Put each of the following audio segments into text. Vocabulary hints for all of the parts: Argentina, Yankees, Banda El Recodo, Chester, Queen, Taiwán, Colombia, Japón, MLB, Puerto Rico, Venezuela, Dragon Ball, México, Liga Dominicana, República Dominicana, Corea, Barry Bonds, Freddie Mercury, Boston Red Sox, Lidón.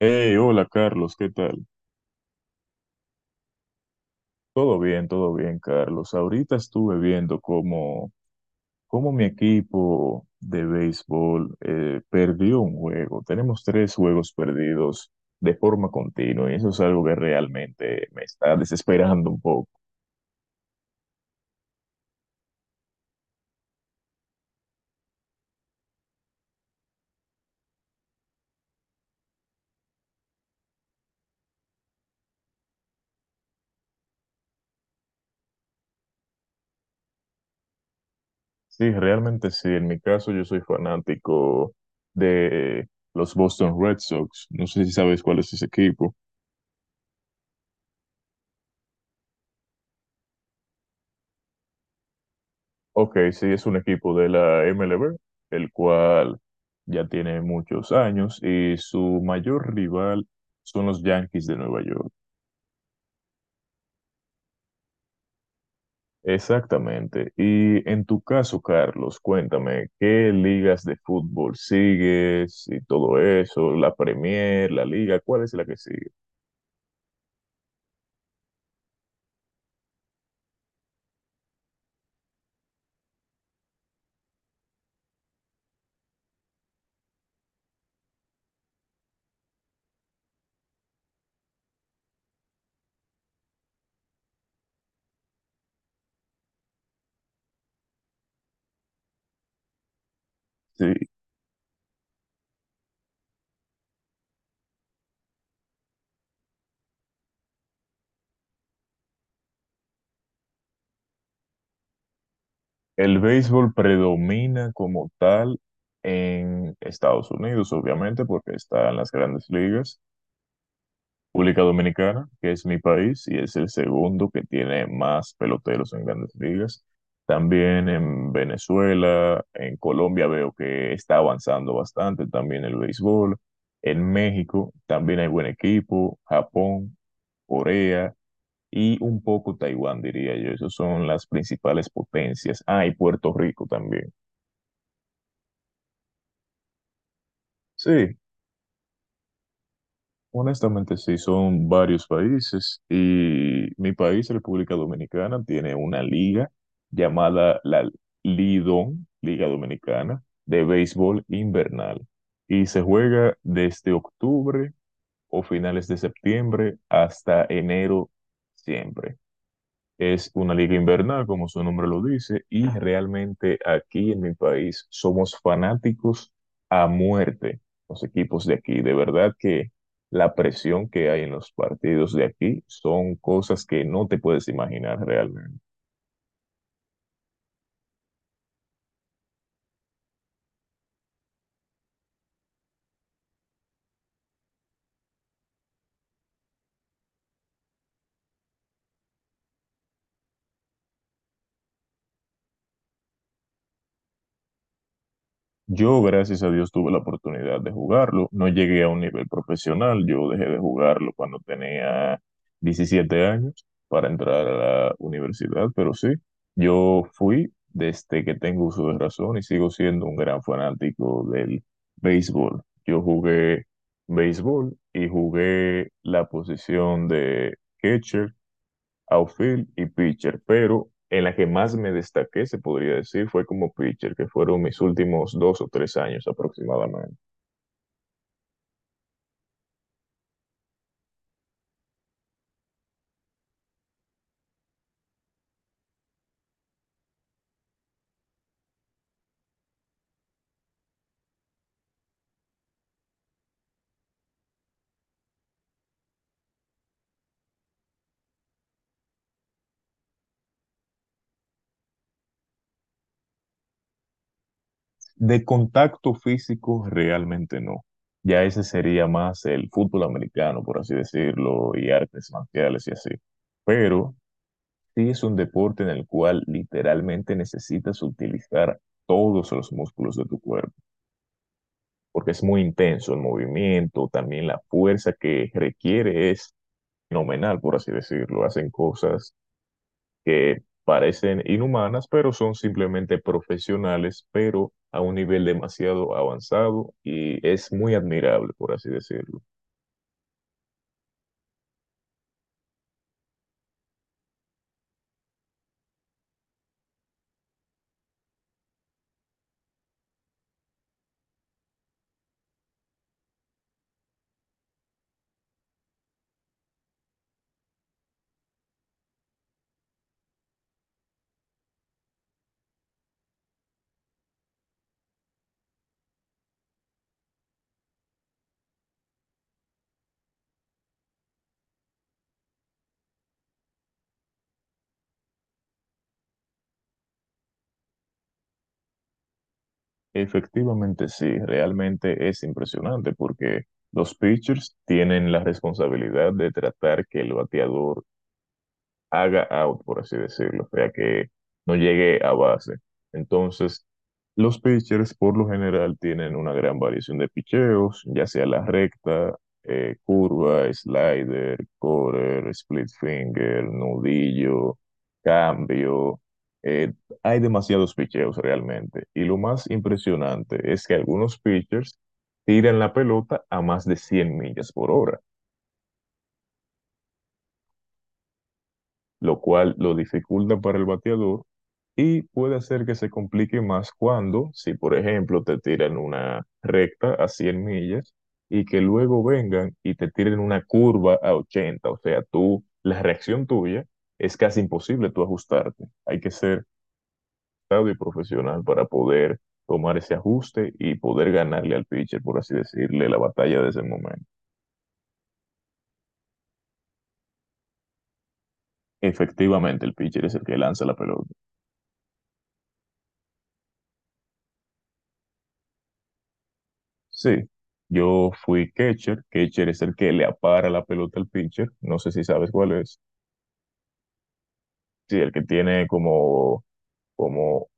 Hey, hola Carlos, ¿qué tal? Todo bien, Carlos. Ahorita estuve viendo cómo mi equipo de béisbol perdió un juego. Tenemos tres juegos perdidos de forma continua y eso es algo que realmente me está desesperando un poco. Sí, realmente sí. En mi caso, yo soy fanático de los Boston Red Sox. No sé si sabes cuál es ese equipo. Ok, sí, es un equipo de la MLB, el cual ya tiene muchos años y su mayor rival son los Yankees de Nueva York. Exactamente. Y en tu caso, Carlos, cuéntame, ¿qué ligas de fútbol sigues y todo eso? ¿La Premier, la Liga? ¿Cuál es la que sigue? Sí, el béisbol predomina como tal en Estados Unidos, obviamente, porque está en las grandes ligas. República Dominicana, que es mi país y es el segundo que tiene más peloteros en grandes ligas. También en Venezuela, en Colombia veo que está avanzando bastante también el béisbol. En México también hay buen equipo, Japón, Corea y un poco Taiwán, diría yo. Esas son las principales potencias. Ah, y Puerto Rico también. Sí, honestamente, sí, son varios países y mi país, República Dominicana, tiene una liga llamada la Lidón, Liga Dominicana, de béisbol invernal y se juega desde octubre o finales de septiembre hasta enero siempre. Es una liga invernal, como su nombre lo dice, y realmente aquí en mi país somos fanáticos a muerte, los equipos de aquí. De verdad que la presión que hay en los partidos de aquí son cosas que no te puedes imaginar realmente. Yo, gracias a Dios, tuve la oportunidad de jugarlo. No llegué a un nivel profesional. Yo dejé de jugarlo cuando tenía 17 años para entrar a la universidad, pero sí, yo fui desde que tengo uso de razón y sigo siendo un gran fanático del béisbol. Yo jugué béisbol y jugué la posición de catcher, outfield y pitcher, pero en la que más me destaqué, se podría decir, fue como pitcher, que fueron mis últimos 2 o 3 años aproximadamente. De contacto físico, realmente no. Ya ese sería más el fútbol americano, por así decirlo, y artes marciales y así. Pero sí es un deporte en el cual literalmente necesitas utilizar todos los músculos de tu cuerpo, porque es muy intenso el movimiento, también la fuerza que requiere es fenomenal, por así decirlo. Hacen cosas que parecen inhumanas, pero son simplemente profesionales, pero a un nivel demasiado avanzado y es muy admirable, por así decirlo. Efectivamente, sí, realmente es impresionante porque los pitchers tienen la responsabilidad de tratar que el bateador haga out, por así decirlo, o sea, que no llegue a base. Entonces, los pitchers por lo general tienen una gran variación de picheos, ya sea la recta, curva, slider, quarter, split finger, nudillo, cambio. Eh, Hay demasiados picheos realmente. Y lo más impresionante es que algunos pitchers tiran la pelota a más de 100 millas por hora, lo cual lo dificulta para el bateador y puede hacer que se complique más cuando, si por ejemplo te tiran una recta a 100 millas y que luego vengan y te tiren una curva a 80, o sea, tú, la reacción tuya es casi imposible tú ajustarte. Hay que ser sabio y profesional para poder tomar ese ajuste y poder ganarle al pitcher, por así decirle, la batalla de ese momento. Efectivamente, el pitcher es el que lanza la pelota. Sí, yo fui catcher. Catcher es el que le apara la pelota al pitcher. No sé si sabes cuál es. Sí, el que tiene como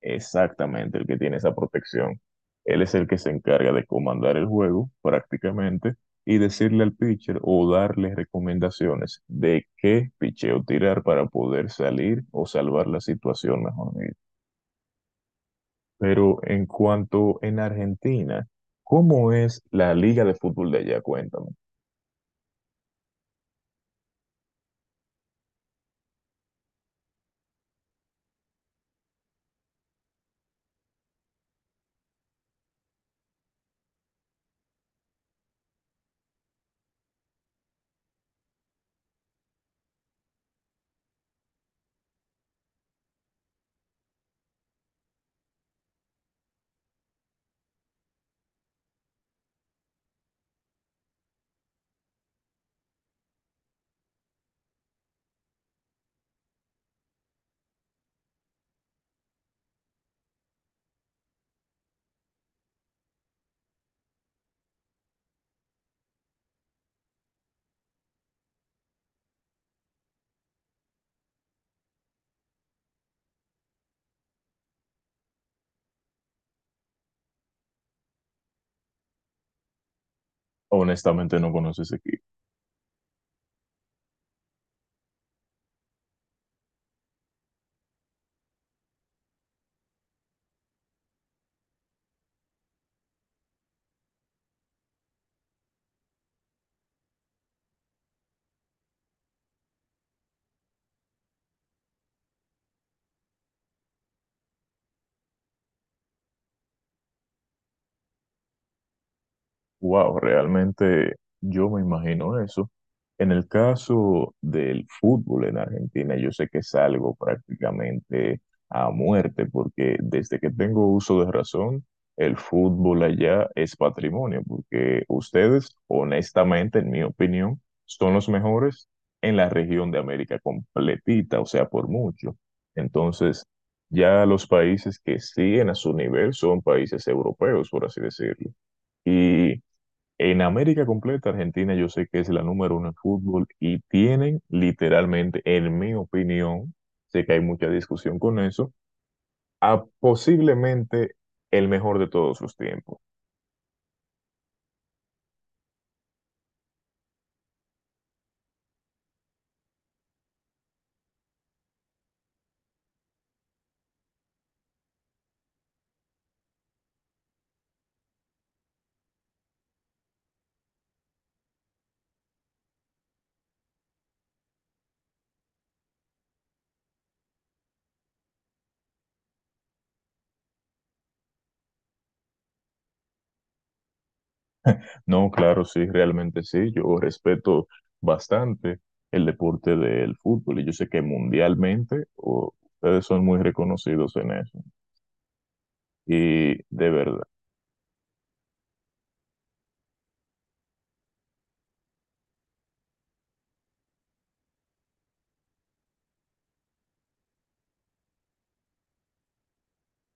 exactamente el que tiene esa protección. Él es el que se encarga de comandar el juego prácticamente y decirle al pitcher o darle recomendaciones de qué picheo tirar para poder salir o salvar la situación, mejor dicho. Pero en cuanto en Argentina, ¿cómo es la liga de fútbol de allá? Cuéntame. Honestamente no conoces aquí. Wow, realmente yo me imagino eso. En el caso del fútbol en Argentina, yo sé que es algo prácticamente a muerte, porque desde que tengo uso de razón, el fútbol allá es patrimonio, porque ustedes, honestamente, en mi opinión, son los mejores en la región de América completita, o sea, por mucho. Entonces, ya los países que siguen a su nivel son países europeos, por así decirlo. Y en América completa, Argentina yo sé que es la número uno en fútbol y tienen literalmente, en mi opinión, sé que hay mucha discusión con eso, a posiblemente el mejor de todos los tiempos. No, claro, sí, realmente sí, yo respeto bastante el deporte del fútbol y yo sé que mundialmente o, ustedes son muy reconocidos en eso y de verdad.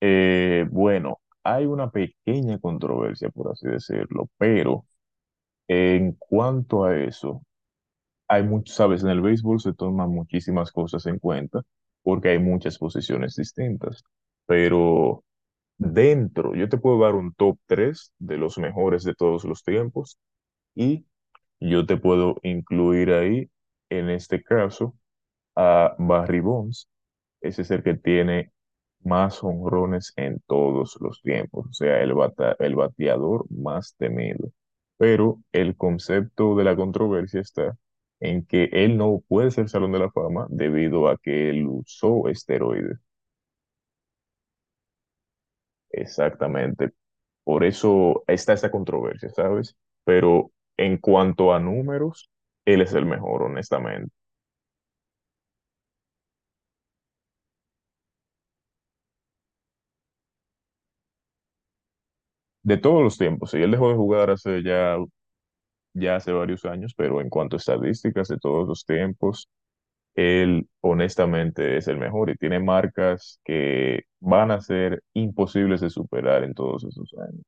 Bueno, hay una pequeña controversia, por así decirlo, pero... En cuanto a eso, hay muchos. Sabes, en el béisbol se toman muchísimas cosas en cuenta porque hay muchas posiciones distintas, pero dentro, yo te puedo dar un top 3 de los mejores de todos los tiempos y yo te puedo incluir ahí, en este caso, a Barry Bonds. Ese es el que tiene más jonrones en todos los tiempos, o sea, el bateador más temido. Pero el concepto de la controversia está en que él no puede ser Salón de la Fama debido a que él usó esteroides. Exactamente. Por eso está esa controversia, ¿sabes? Pero en cuanto a números, él es el mejor, honestamente. De todos los tiempos, sí, él dejó de jugar hace ya hace varios años, pero en cuanto a estadísticas de todos los tiempos, él honestamente es el mejor y tiene marcas que van a ser imposibles de superar en todos esos años.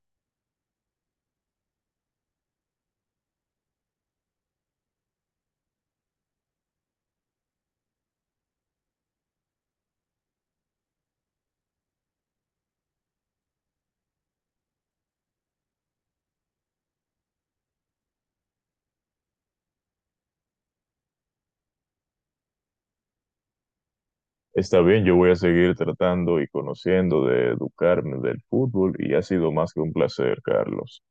Está bien, yo voy a seguir tratando y conociendo de educarme del fútbol y ha sido más que un placer, Carlos.